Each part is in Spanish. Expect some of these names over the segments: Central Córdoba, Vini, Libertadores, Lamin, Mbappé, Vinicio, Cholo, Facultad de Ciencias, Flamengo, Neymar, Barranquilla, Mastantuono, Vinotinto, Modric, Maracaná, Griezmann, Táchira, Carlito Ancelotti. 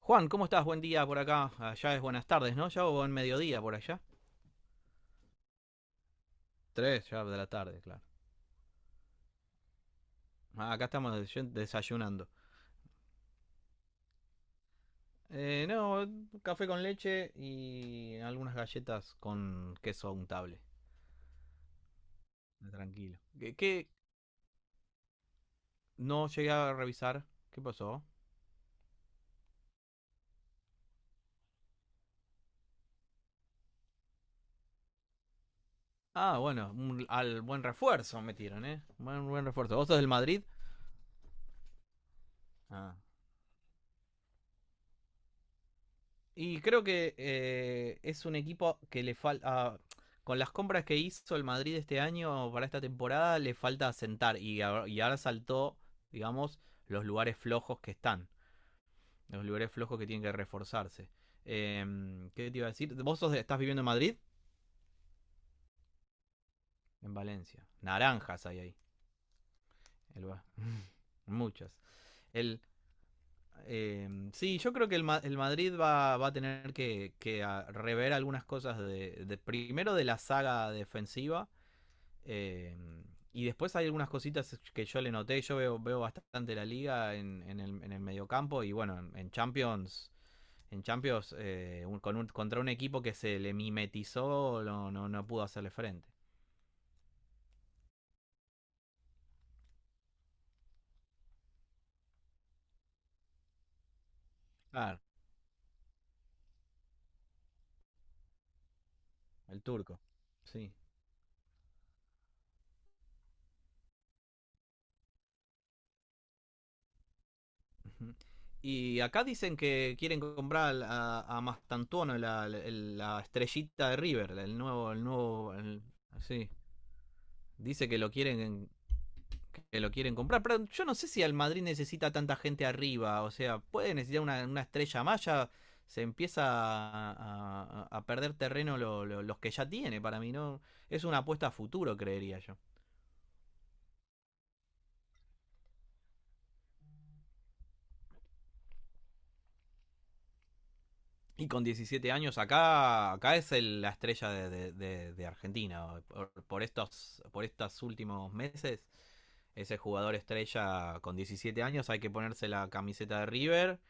Juan, ¿cómo estás? Buen día por acá. Allá es buenas tardes, ¿no? Ya o buen mediodía por allá. Tres ya de la tarde, claro. Ah, acá estamos desayunando. No, café con leche y algunas galletas con queso untable. Tranquilo. ¿Qué? No llegué a revisar. ¿Qué pasó? Ah, bueno, al buen refuerzo metieron, ¿eh? Buen refuerzo. ¿Vos sos del Madrid? Ah. Y creo que es un equipo que le falta. Con las compras que hizo el Madrid este año para esta temporada, le falta asentar. Y ahora saltó, digamos, los lugares flojos que están. Los lugares flojos que tienen que reforzarse. ¿Qué te iba a decir? ¿Vos sos estás viviendo en Madrid? En Valencia. Naranjas hay ahí. El ba- muchas. El, sí, yo creo que el Madrid va a tener que rever algunas cosas primero de la saga defensiva. Eh, y después hay algunas cositas que yo le noté. Yo veo bastante la liga en el mediocampo. Y bueno, en Champions. En Champions, contra un equipo que se le mimetizó, no, no pudo hacerle frente. Claro. El turco. Sí. Ujú. Y acá dicen que quieren comprar a Mastantuono, la estrellita de River, el nuevo, sí. Dice que lo quieren comprar. Pero yo no sé si el Madrid necesita tanta gente arriba. O sea, puede necesitar una estrella más. Ya se empieza a perder terreno los que ya tiene. Para mí, ¿no? Es una apuesta a futuro, creería yo. Y con 17 años acá es la estrella de Argentina. Por estos últimos meses, ese jugador estrella con 17 años hay que ponerse la camiseta de River,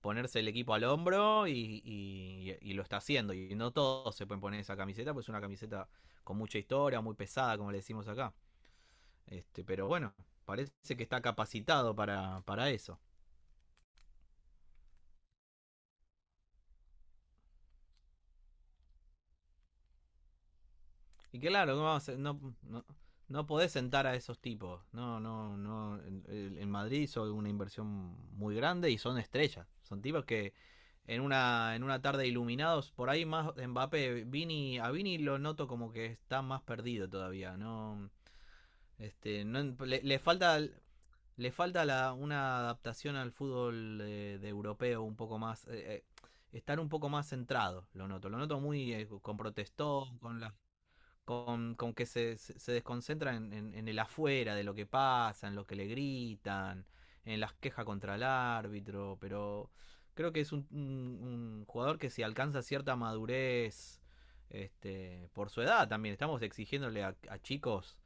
ponerse el equipo al hombro y lo está haciendo. Y no todos se pueden poner esa camiseta, pues es una camiseta con mucha historia, muy pesada, como le decimos acá. Pero bueno, parece que está capacitado para eso. Y que claro, no, no, no, podés sentar a esos tipos. No, no, no. En Madrid hizo una inversión muy grande y son estrellas. Son tipos que en una tarde iluminados, por ahí más Mbappé, a Vini lo noto como que está más perdido todavía. No, no, le falta una adaptación al fútbol de europeo un poco más, estar un poco más centrado, lo noto muy, con protestón, con las, con que se desconcentran en el afuera de lo que pasa, en lo que le gritan, en las quejas contra el árbitro, pero creo que es un jugador que si alcanza cierta madurez, por su edad también, estamos exigiéndole a chicos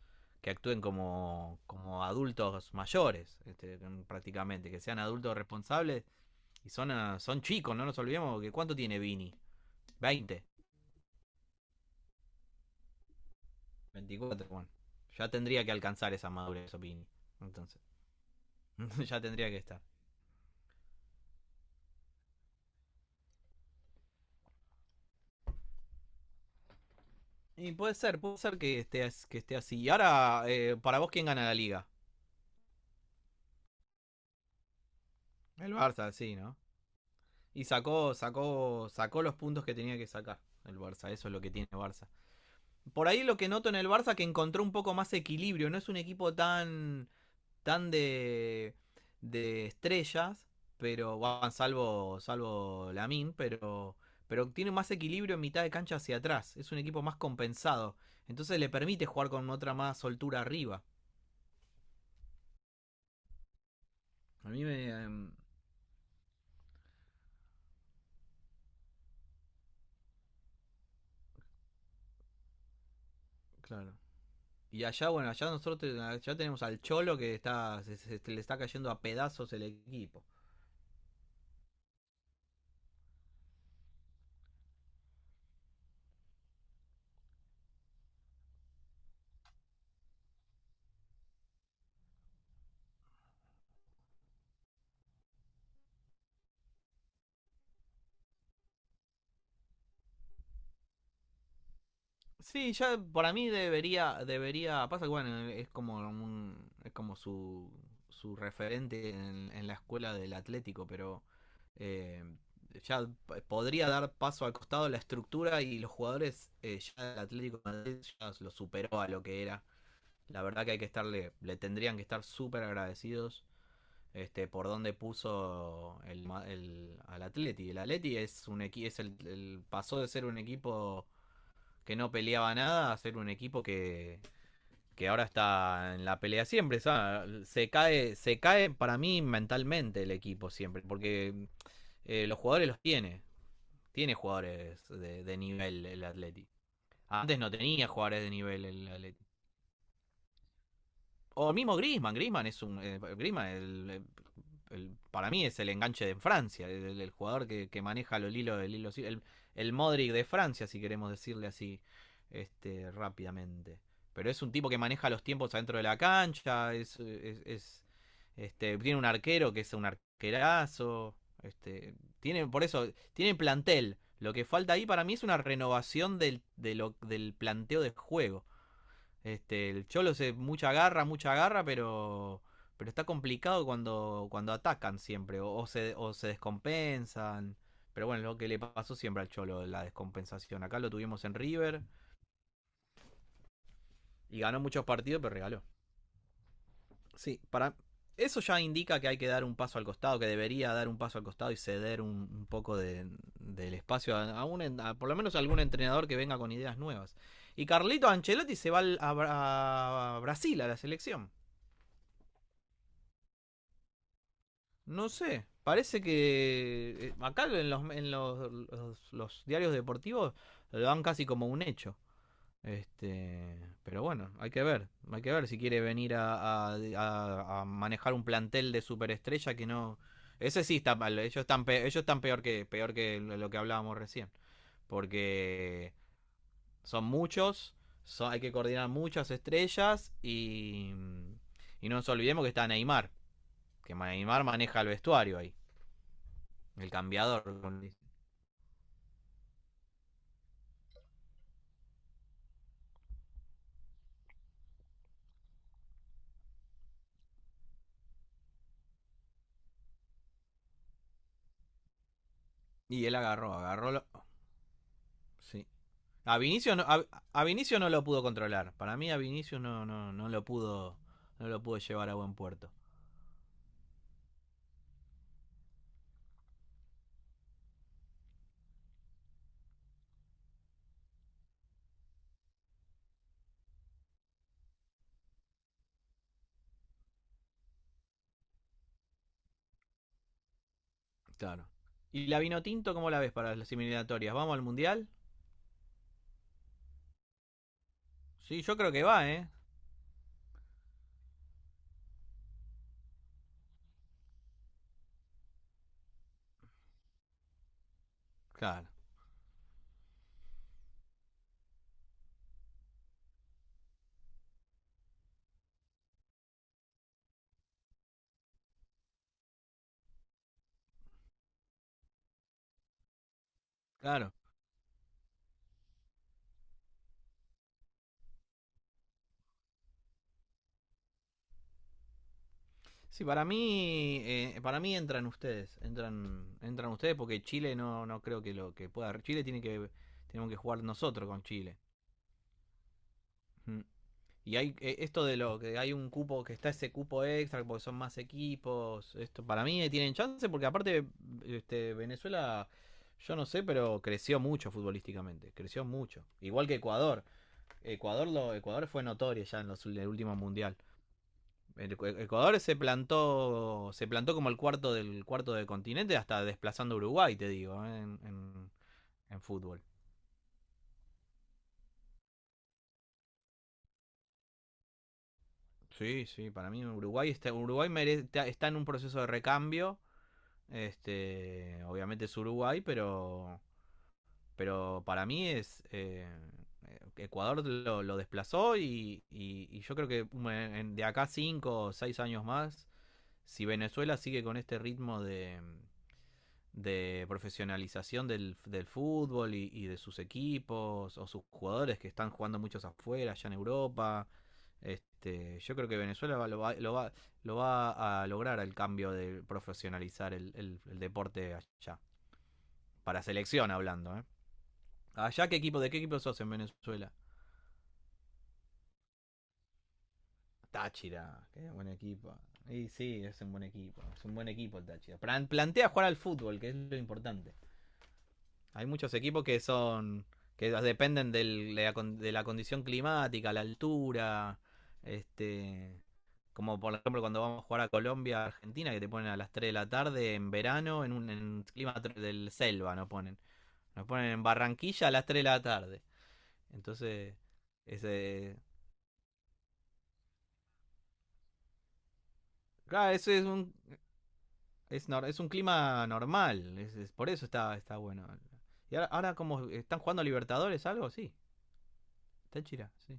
que actúen como adultos mayores, prácticamente, que sean adultos responsables, y son chicos. No nos olvidemos que cuánto tiene Vini, 20. 24, bueno. Ya tendría que alcanzar esa madurez, Opini. Entonces, ya tendría que estar. Y puede ser que esté así. Y ahora, para vos, ¿quién gana la liga? El Barça, sí, ¿no? Y sacó los puntos que tenía que sacar el Barça. Eso es lo que tiene el Barça. Por ahí lo que noto en el Barça que encontró un poco más equilibrio. No es un equipo tan de estrellas, pero bueno, salvo Lamin, pero tiene más equilibrio en mitad de cancha hacia atrás. Es un equipo más compensado. Entonces le permite jugar con otra más soltura arriba. A mí me... claro. Y bueno, allá nosotros allá tenemos al Cholo que se le está cayendo a pedazos el equipo. Sí, ya para mí debería, pasa que bueno, es como un, es como su referente en la escuela del Atlético, pero, eh, ya podría dar paso al costado la estructura y los jugadores. Ya el Atlético de Madrid ya lo superó a lo que era. La verdad que hay que le tendrían que estar súper agradecidos, por donde puso al Atleti. El Atleti es un equi- es el- pasó de ser un equipo que no peleaba nada a ser un equipo que ahora está en la pelea siempre. ¿Sabes? Se cae para mí mentalmente el equipo siempre, porque, los jugadores los tiene. Tiene jugadores de nivel el Atleti. Antes no tenía jugadores de nivel el Atleti. O mismo Griezmann, es un, Griezmann el, para mí es el enganche de Francia, el jugador que maneja los hilos, sí, el el Modric de Francia, si queremos decirle así, rápidamente. Pero es un tipo que maneja los tiempos adentro de la cancha. Tiene un arquero que es un arquerazo. este Tiene, por eso tiene plantel. Lo que falta ahí para mí es una renovación del planteo de juego. El Cholo se mucha garra, pero está complicado cuando atacan siempre, o se descompensan. Pero bueno, lo que le pasó siempre al Cholo, la descompensación. Acá lo tuvimos en River y ganó muchos partidos, pero regaló. Sí, para eso ya indica que hay que dar un paso al costado, que debería dar un paso al costado y ceder un poco del espacio a por lo menos a algún entrenador que venga con ideas nuevas. Y Carlito Ancelotti se va a Brasil, a la selección. No sé, parece que, acá en los, los diarios deportivos lo dan casi como un hecho. Pero bueno, hay que ver si quiere venir a manejar un plantel de superestrella que no, ese sí está mal, ellos están peor que lo que hablábamos recién, porque son muchos, hay que coordinar muchas estrellas y, no nos olvidemos que está Neymar, que Neymar maneja el vestuario ahí. El cambiador. Y él agarró. Sí. A Vinicio, no, a, a Vinicio no lo pudo controlar. Para mí a Vinicio no lo pudo llevar a buen puerto. Claro. ¿Y la Vinotinto cómo la ves para las eliminatorias? ¿Vamos al Mundial? Sí, yo creo que va, ¿eh? Claro, claro. Sí, para mí, entran ustedes, entran ustedes porque Chile no creo que lo que pueda. Chile tenemos que jugar nosotros con Chile. Mm. Y hay, esto de lo que hay un cupo, que está ese cupo extra porque son más equipos. Esto para mí, tienen chance porque aparte, Venezuela, yo no sé, pero creció mucho futbolísticamente, creció mucho. Igual que Ecuador. Ecuador fue notorio ya en el último mundial. El Ecuador se plantó como el cuarto del continente, hasta desplazando a Uruguay, te digo, en fútbol. Sí, sí, para mí Uruguay está en un proceso de recambio. Obviamente es Uruguay, pero, para mí es, Ecuador lo desplazó, y yo creo que de acá cinco o seis años más, si Venezuela sigue con este ritmo de profesionalización del fútbol y de sus equipos o sus jugadores que están jugando muchos afuera, allá en Europa, yo creo que Venezuela lo va a lograr el cambio de profesionalizar el deporte allá. Para selección hablando, ¿eh? ¿Allá qué equipo? ¿De qué equipo sos en Venezuela? Táchira, qué buen equipo. Y sí, es un buen equipo. Es un buen equipo el Táchira. Plantea jugar al fútbol, que es lo importante. Hay muchos equipos que son. Que dependen de la condición climática, la altura. Este. Como por ejemplo cuando vamos a jugar a Colombia, Argentina, que te ponen a las 3 de la tarde en verano en un en clima del selva, nos ponen. Nos ponen en Barranquilla a las 3 de la tarde. Entonces, ese, claro, ese es un, es, nor- es un clima normal, es, por eso está bueno. Y ahora como están jugando a Libertadores, algo, sí, está chira, sí.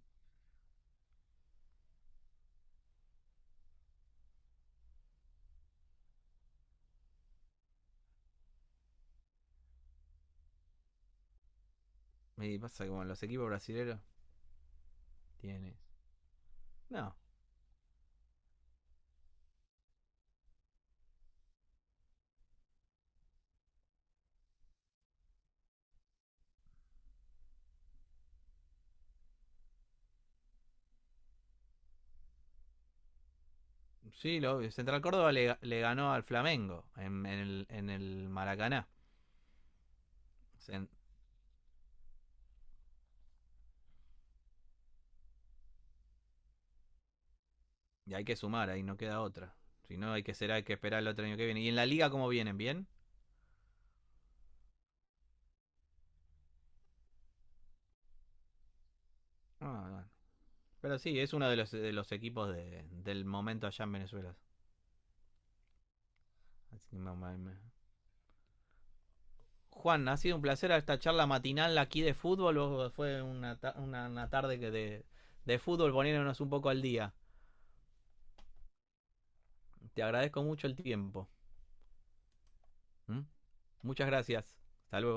Me pasa que bueno, los equipos brasileños tienen... No, sí, Central Córdoba le ganó al Flamengo en el Maracaná. O en- y hay que sumar, ahí no queda otra. Si no, hay que esperar el otro año que viene. ¿Y en la liga cómo vienen? ¿Bien? Ah, bueno. Pero sí, es uno de los, equipos del momento allá en Venezuela. Así que mamá mía. Juan, ha sido un placer esta charla matinal aquí de fútbol. Fue una tarde de fútbol poniéndonos un poco al día. Te agradezco mucho el tiempo. ¿M? Muchas gracias. Hasta luego.